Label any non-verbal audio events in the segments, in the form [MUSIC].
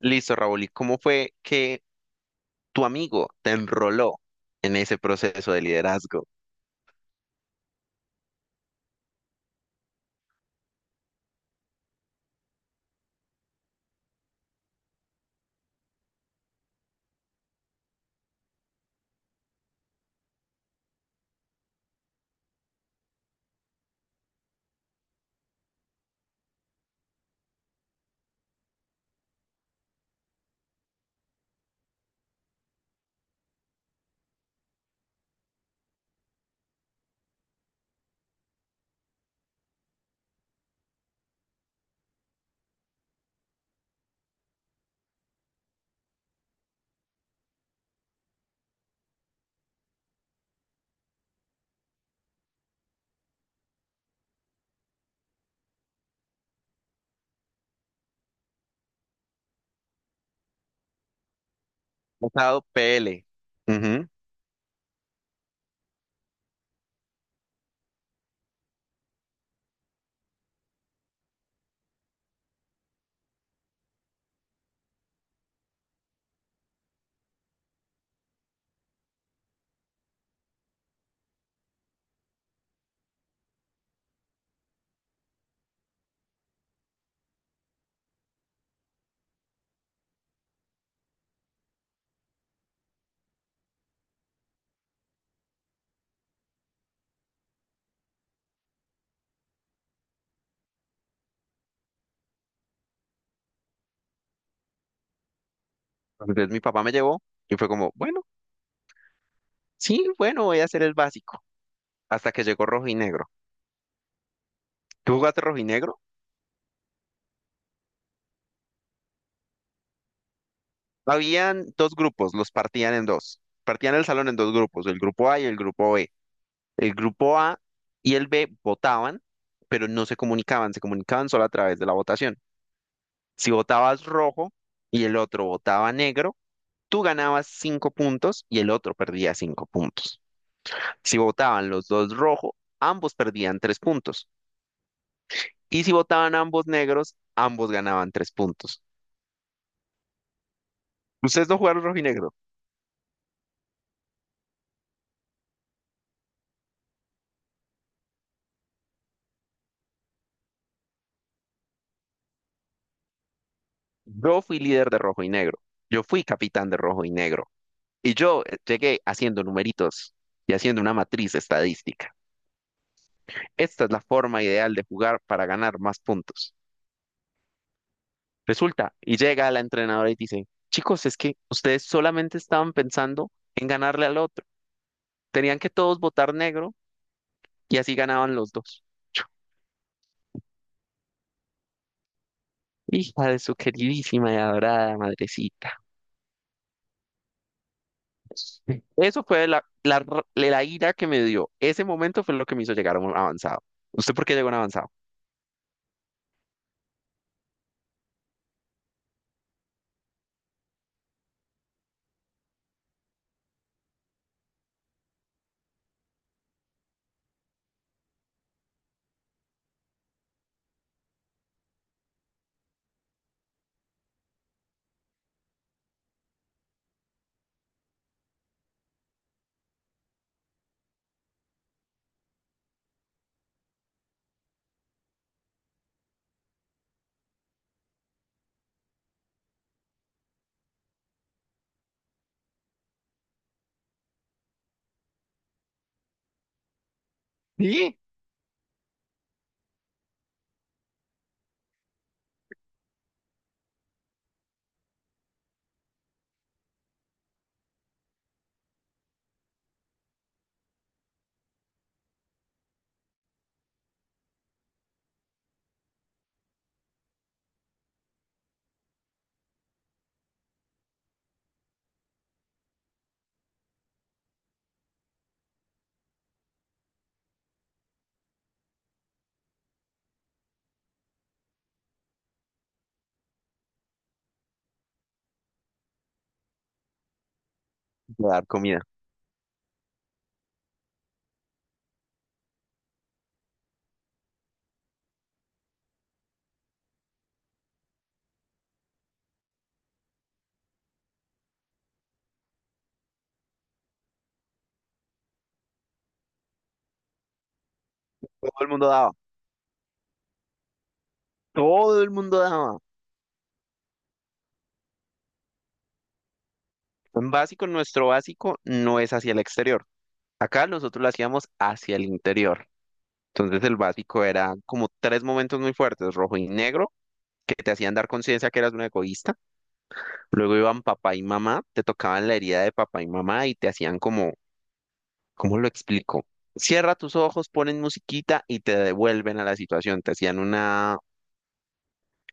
Listo, Raúl. ¿Y cómo fue que tu amigo te enroló en ese proceso de liderazgo? Pasado PL. Ujú. Entonces mi papá me llevó y fue como, bueno, sí, bueno, voy a hacer el básico. Hasta que llegó rojo y negro. ¿Tú jugaste rojo y negro? Habían dos grupos, los partían en dos. Partían el salón en dos grupos, el grupo A y el grupo B. El grupo A y el B votaban, pero no se comunicaban, se comunicaban solo a través de la votación. Si votabas rojo y el otro votaba negro, tú ganabas cinco puntos y el otro perdía cinco puntos. Si votaban los dos rojo, ambos perdían tres puntos. Y si votaban ambos negros, ambos ganaban tres puntos. Ustedes no jugaron rojo y negro. Yo fui líder de rojo y negro. Yo fui capitán de rojo y negro. Y yo llegué haciendo numeritos y haciendo una matriz estadística. Esta es la forma ideal de jugar para ganar más puntos. Resulta, y llega la entrenadora y dice, chicos, es que ustedes solamente estaban pensando en ganarle al otro. Tenían que todos votar negro y así ganaban los dos. Hija de su queridísima y adorada madrecita. Eso fue la ira que me dio. Ese momento fue lo que me hizo llegar a un avanzado. ¿Usted por qué llegó a un avanzado? Sí. De dar comida. Todo el mundo daba. Todo el mundo daba. En básico, nuestro básico no es hacia el exterior. Acá nosotros lo hacíamos hacia el interior. Entonces el básico era como tres momentos muy fuertes: rojo y negro, que te hacían dar conciencia que eras un egoísta. Luego iban papá y mamá, te tocaban la herida de papá y mamá y te hacían como, ¿cómo lo explico? Cierra tus ojos, ponen musiquita y te devuelven a la situación. Te hacían una,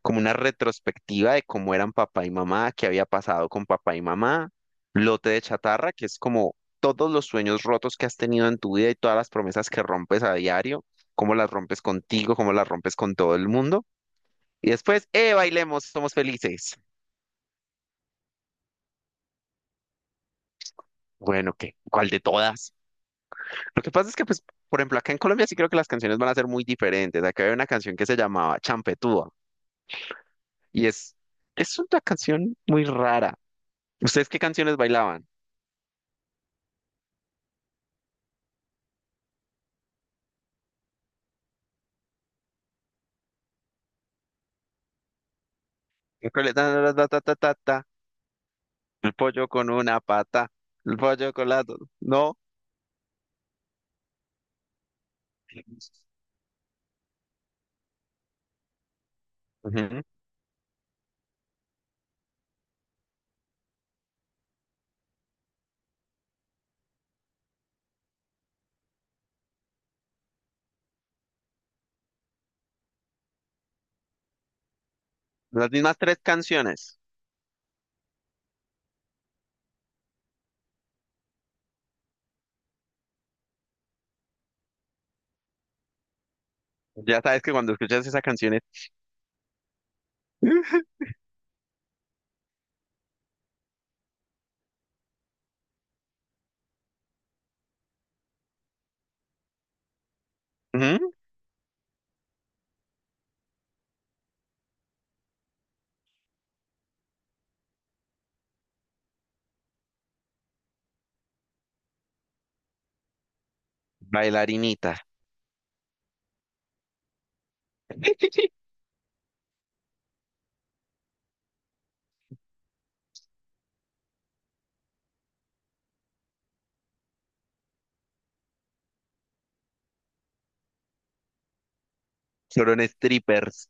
como una retrospectiva de cómo eran papá y mamá, qué había pasado con papá y mamá, lote de chatarra, que es como todos los sueños rotos que has tenido en tu vida y todas las promesas que rompes a diario, cómo las rompes contigo, cómo las rompes con todo el mundo. Y después, bailemos, somos felices. Bueno, ¿qué? ¿Cuál de todas? Lo que pasa es que, pues, por ejemplo, acá en Colombia sí creo que las canciones van a ser muy diferentes. Acá había una canción que se llamaba Champetúa y es una canción muy rara. ¿Ustedes qué canciones bailaban? En Colombia, ta, ta, ta, ta, ta, ta, el pollo con una pata, el pollo con la ...dos. No. Ujú. Las mismas tres canciones. Ya sabes que cuando escuchas esas canciones, ujú, bailarinitas, fueron strippers,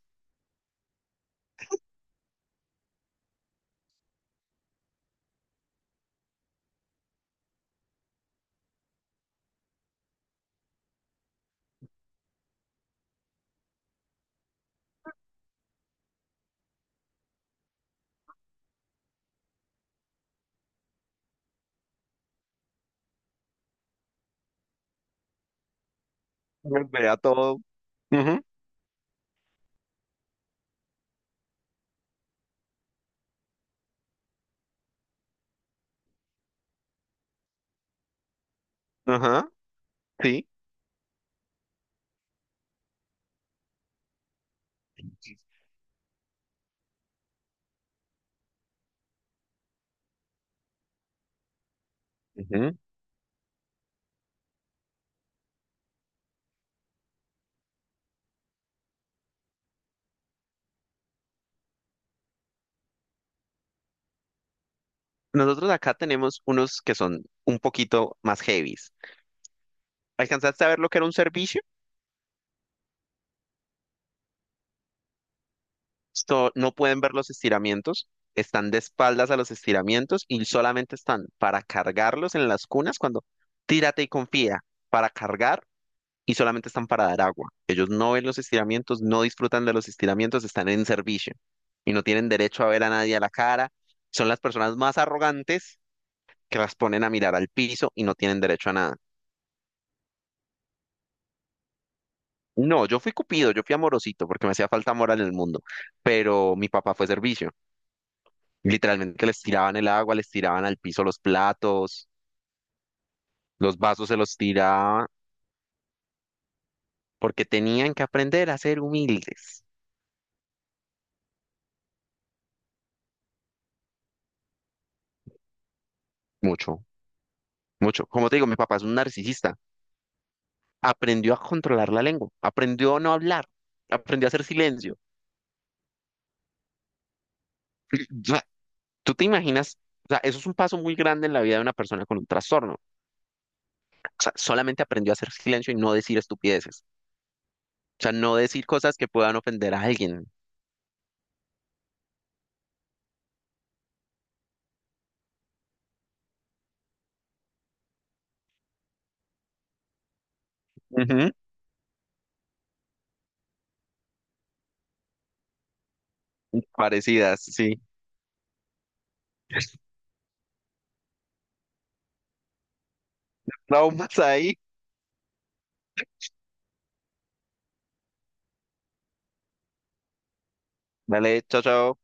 vea todo. Ujú. Ajá, sí. Nosotros acá tenemos unos que son un poquito más heavies. ¿Alcanzaste a ver lo que era un servicio? Esto, no pueden ver los estiramientos, están de espaldas a los estiramientos y solamente están para cargarlos en las cunas cuando tírate y confía para cargar, y solamente están para dar agua. Ellos no ven los estiramientos, no disfrutan de los estiramientos, están en servicio y no tienen derecho a ver a nadie a la cara. Son las personas más arrogantes que las ponen a mirar al piso y no tienen derecho a nada. No, yo fui cupido, yo fui amorosito porque me hacía falta amor en el mundo, pero mi papá fue servicio. Literalmente les tiraban el agua, les tiraban al piso los platos, los vasos se los tiraba porque tenían que aprender a ser humildes. Mucho, mucho. Como te digo, mi papá es un narcisista. Aprendió a controlar la lengua, aprendió a no hablar, aprendió a hacer silencio. [CLEARS THROAT] O sea, ¿tú te imaginas? O sea, eso es un paso muy grande en la vida de una persona con un trastorno. O sea, solamente aprendió a hacer silencio y no decir estupideces. O sea, no decir cosas que puedan ofender a alguien. Ujú. Parecidas, sí. Traumas ahí. Dale, chao, chao.